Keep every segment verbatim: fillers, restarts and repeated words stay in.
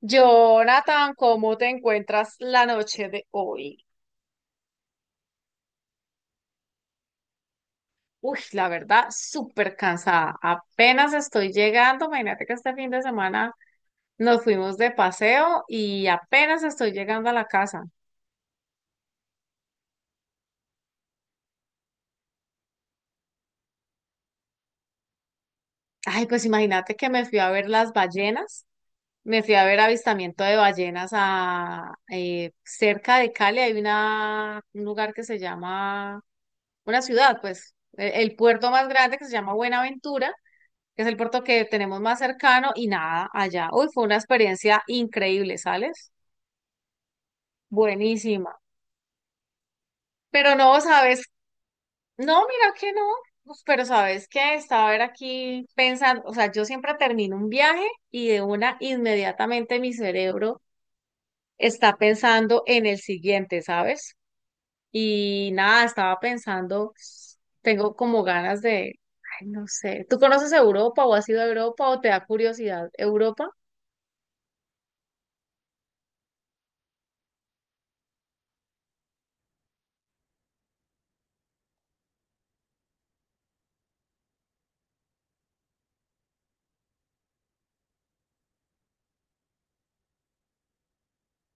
Jonathan, ¿cómo te encuentras la noche de hoy? Uy, la verdad, súper cansada. Apenas estoy llegando. Imagínate que este fin de semana nos fuimos de paseo y apenas estoy llegando a la casa. Ay, pues imagínate que me fui a ver las ballenas. Me fui a ver avistamiento de ballenas a eh, cerca de Cali. Hay una, un lugar que se llama, una ciudad, pues, el el puerto más grande que se llama Buenaventura, que es el puerto que tenemos más cercano y nada, allá. Uy, fue una experiencia increíble, ¿sales? Buenísima. Pero no, ¿sabes? No, mira que no. Uf, pero sabes que estaba a ver aquí pensando, o sea, yo siempre termino un viaje y de una inmediatamente mi cerebro está pensando en el siguiente, ¿sabes? Y nada, estaba pensando, tengo como ganas de, ay, no sé, ¿tú conoces Europa o has ido a Europa o te da curiosidad Europa?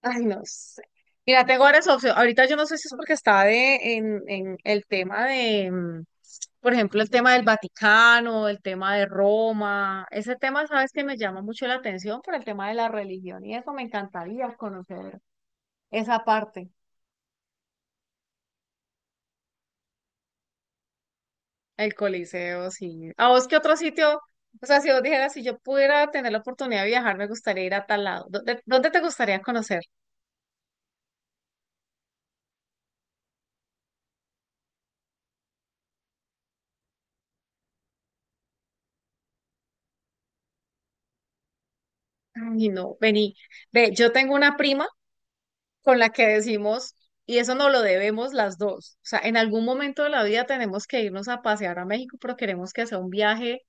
Ay, no sé. Mira, tengo varias opciones. Ahorita yo no sé si es porque estaba de, en, en el tema de, mm, por ejemplo, el tema del Vaticano, el tema de Roma. Ese tema, sabes que me llama mucho la atención por el tema de la religión y eso me encantaría conocer esa parte. El Coliseo, sí. ¿A vos qué otro sitio? O sea, si vos dijeras, si yo pudiera tener la oportunidad de viajar, me gustaría ir a tal lado. ¿Dónde, dónde te gustaría conocer? Ay, no, vení. Ve, yo tengo una prima. Con la que decimos, y eso no lo debemos las dos. O sea, en algún momento de la vida tenemos que irnos a pasear a México, pero queremos que sea un viaje,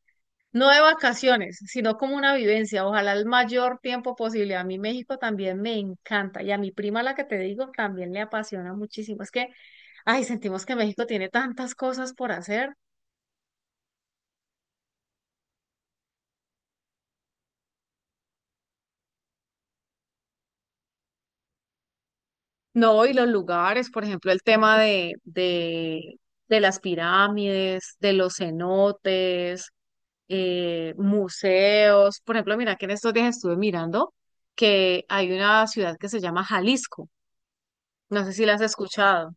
no de vacaciones, sino como una vivencia. Ojalá el mayor tiempo posible. A mí México también me encanta y a mi prima, la que te digo, también le apasiona muchísimo. Es que, ay, sentimos que México tiene tantas cosas por hacer. No, y los lugares, por ejemplo, el tema de, de, de las pirámides, de los cenotes, eh, museos. Por ejemplo, mira que en estos días estuve mirando que hay una ciudad que se llama Jalisco. No sé si la has escuchado.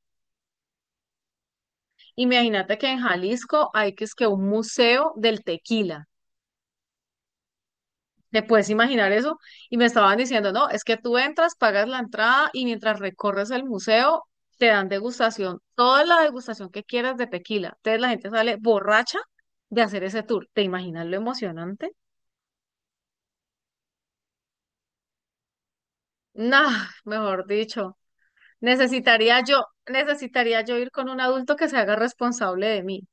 Imagínate que en Jalisco hay que es que un museo del tequila. ¿Te puedes imaginar eso? Y me estaban diciendo, no, es que tú entras, pagas la entrada y mientras recorres el museo te dan degustación, toda la degustación que quieras de tequila. Entonces la gente sale borracha de hacer ese tour. ¿Te imaginas lo emocionante? Nah, mejor dicho. Necesitaría yo, necesitaría yo ir con un adulto que se haga responsable de mí.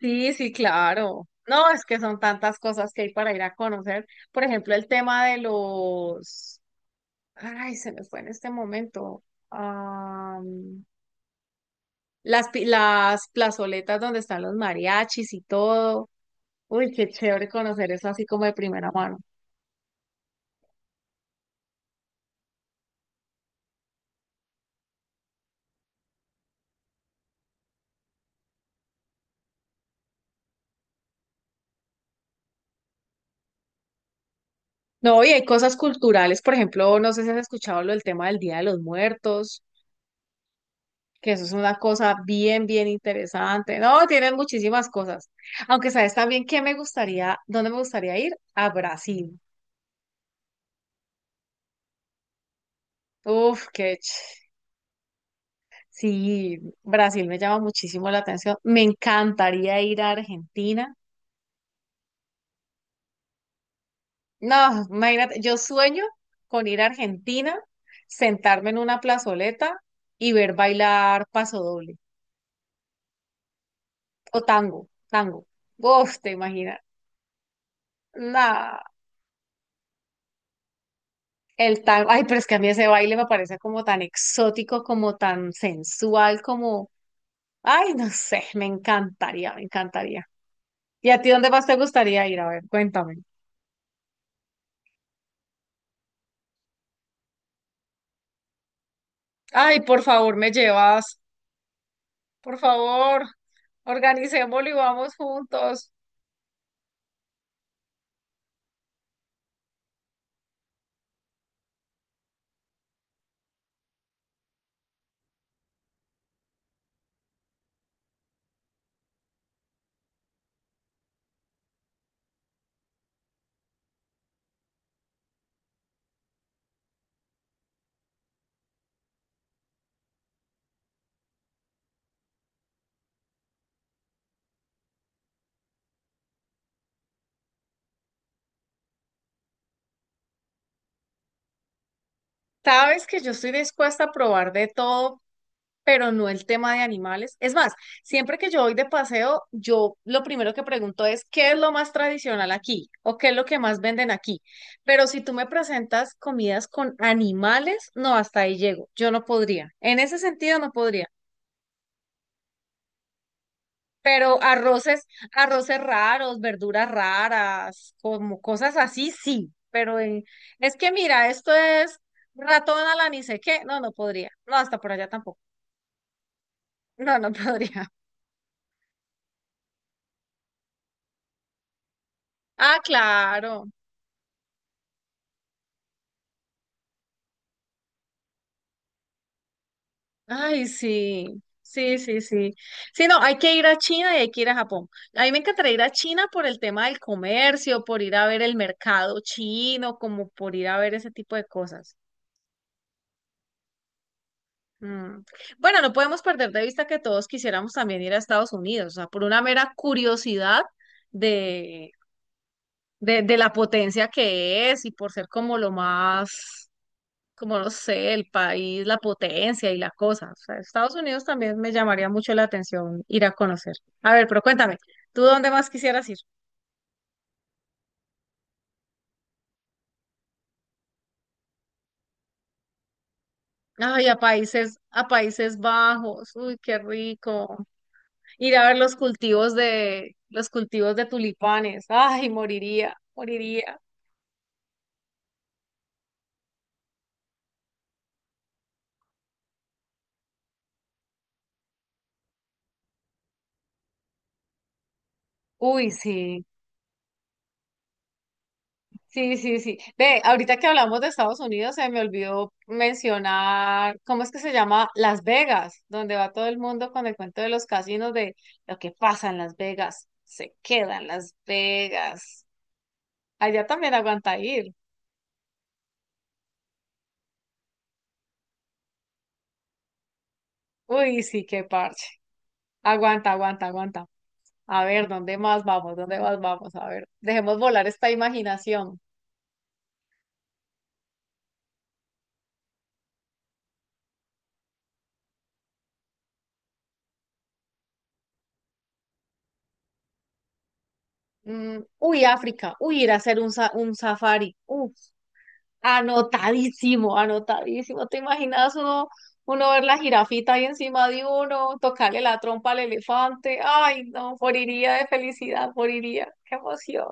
Sí, sí, claro. No, es que son tantas cosas que hay para ir a conocer. Por ejemplo, el tema de los… Ay, se me fue en este momento. Am, las, pi- las plazoletas donde están los mariachis y todo. Uy, qué chévere conocer eso así como de primera mano. No, y hay cosas culturales. Por ejemplo, no sé si has escuchado lo del tema del Día de los Muertos. Que eso es una cosa bien, bien interesante. No, tienen muchísimas cosas. Aunque sabes también que me gustaría, dónde me gustaría ir, a Brasil. Uf, qué ch… Sí, Brasil me llama muchísimo la atención. Me encantaría ir a Argentina. No, imagínate, yo sueño con ir a Argentina, sentarme en una plazoleta y ver bailar pasodoble o tango, tango. Uf, te imaginas. No. El tango, ay, pero es que a mí ese baile me parece como tan exótico, como tan sensual, como, ay, no sé, me encantaría, me encantaría. ¿Y a ti dónde más te gustaría ir? A ver, cuéntame. Ay, por favor, me llevas, por favor, organicémoslo y vamos juntos. Sabes que yo estoy dispuesta a probar de todo, pero no el tema de animales. Es más, siempre que yo voy de paseo, yo lo primero que pregunto es, ¿qué es lo más tradicional aquí? ¿O qué es lo que más venden aquí? Pero si tú me presentas comidas con animales, no, hasta ahí llego. Yo no podría. En ese sentido, no podría. Pero arroces, arroces raros, verduras raras, como cosas así, sí. Pero eh, es que mira, esto es ratón a la ni sé qué. No, no podría. No, hasta por allá tampoco. No, no podría. Ah, claro. Ay, sí, sí, sí, sí. Sí, no, hay que ir a China y hay que ir a Japón. A mí me encantaría ir a China por el tema del comercio, por ir a ver el mercado chino, como por ir a ver ese tipo de cosas. Mm. Bueno, no podemos perder de vista que todos quisiéramos también ir a Estados Unidos, o sea, por una mera curiosidad de, de, de la potencia que es y por ser como lo más, como no sé, el país, la potencia y la cosa. O sea, Estados Unidos también me llamaría mucho la atención ir a conocer. A ver, pero cuéntame, ¿tú dónde más quisieras ir? Ay, a países, a Países Bajos, uy, qué rico. Ir a ver los cultivos de, los cultivos de tulipanes. Ay, moriría, moriría. Uy, sí. Sí, sí, sí. Ve, ahorita que hablamos de Estados Unidos, se me olvidó mencionar, ¿cómo es que se llama? Las Vegas, donde va todo el mundo con el cuento de los casinos, de lo que pasa en Las Vegas, se queda en Las Vegas. Allá también aguanta ir. Uy, sí, qué parche. Aguanta, aguanta, aguanta. A ver, ¿dónde más vamos? ¿Dónde más vamos? A ver, dejemos volar esta imaginación. Mm, uy, África. Uy, ir a hacer un, sa- un safari. Uf. Anotadísimo, anotadísimo. ¿Te imaginas uno, uno ver la jirafita ahí encima de uno, tocarle la trompa al elefante? Ay, no, moriría de felicidad, moriría. Qué emoción.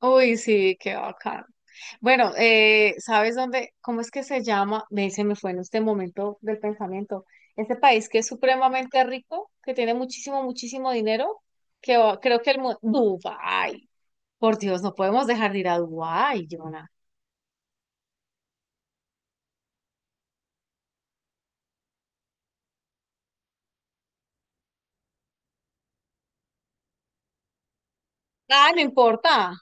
Uy, sí, qué bacán. Bueno, eh, ¿sabes dónde? ¿Cómo es que se llama? Me se me fue en este momento del pensamiento. Este país que es supremamente rico, que tiene muchísimo, muchísimo dinero, que va- creo que el mundo… Dubái. Por Dios, no podemos dejar de ir a Dubái, Jonah. Ah, no importa.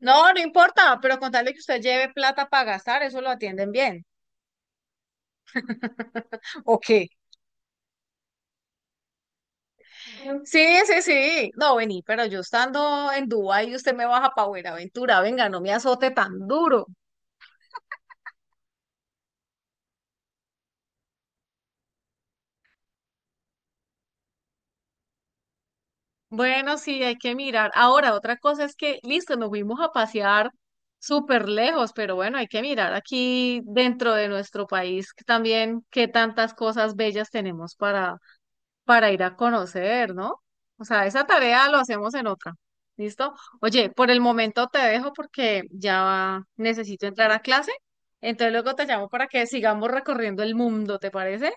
No, no importa, pero con tal de que usted lleve plata para gastar, eso lo atienden bien. ¿O qué? Sí, sí, sí. No, vení, pero yo estando en Dubái, usted me baja para Buenaventura. Venga, no me azote tan duro. Bueno, sí, hay que mirar. Ahora, otra cosa es que, listo, nos fuimos a pasear súper lejos, pero bueno, hay que mirar aquí dentro de nuestro país que también qué tantas cosas bellas tenemos para, para ir a conocer, ¿no? O sea, esa tarea lo hacemos en otra. ¿Listo? Oye, por el momento te dejo porque ya necesito entrar a clase. Entonces luego te llamo para que sigamos recorriendo el mundo, ¿te parece?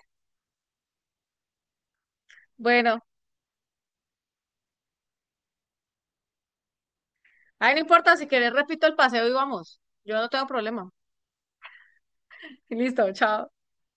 Bueno, ay, no importa, si quieres repito el paseo y vamos. Yo no tengo problema. Listo, chao.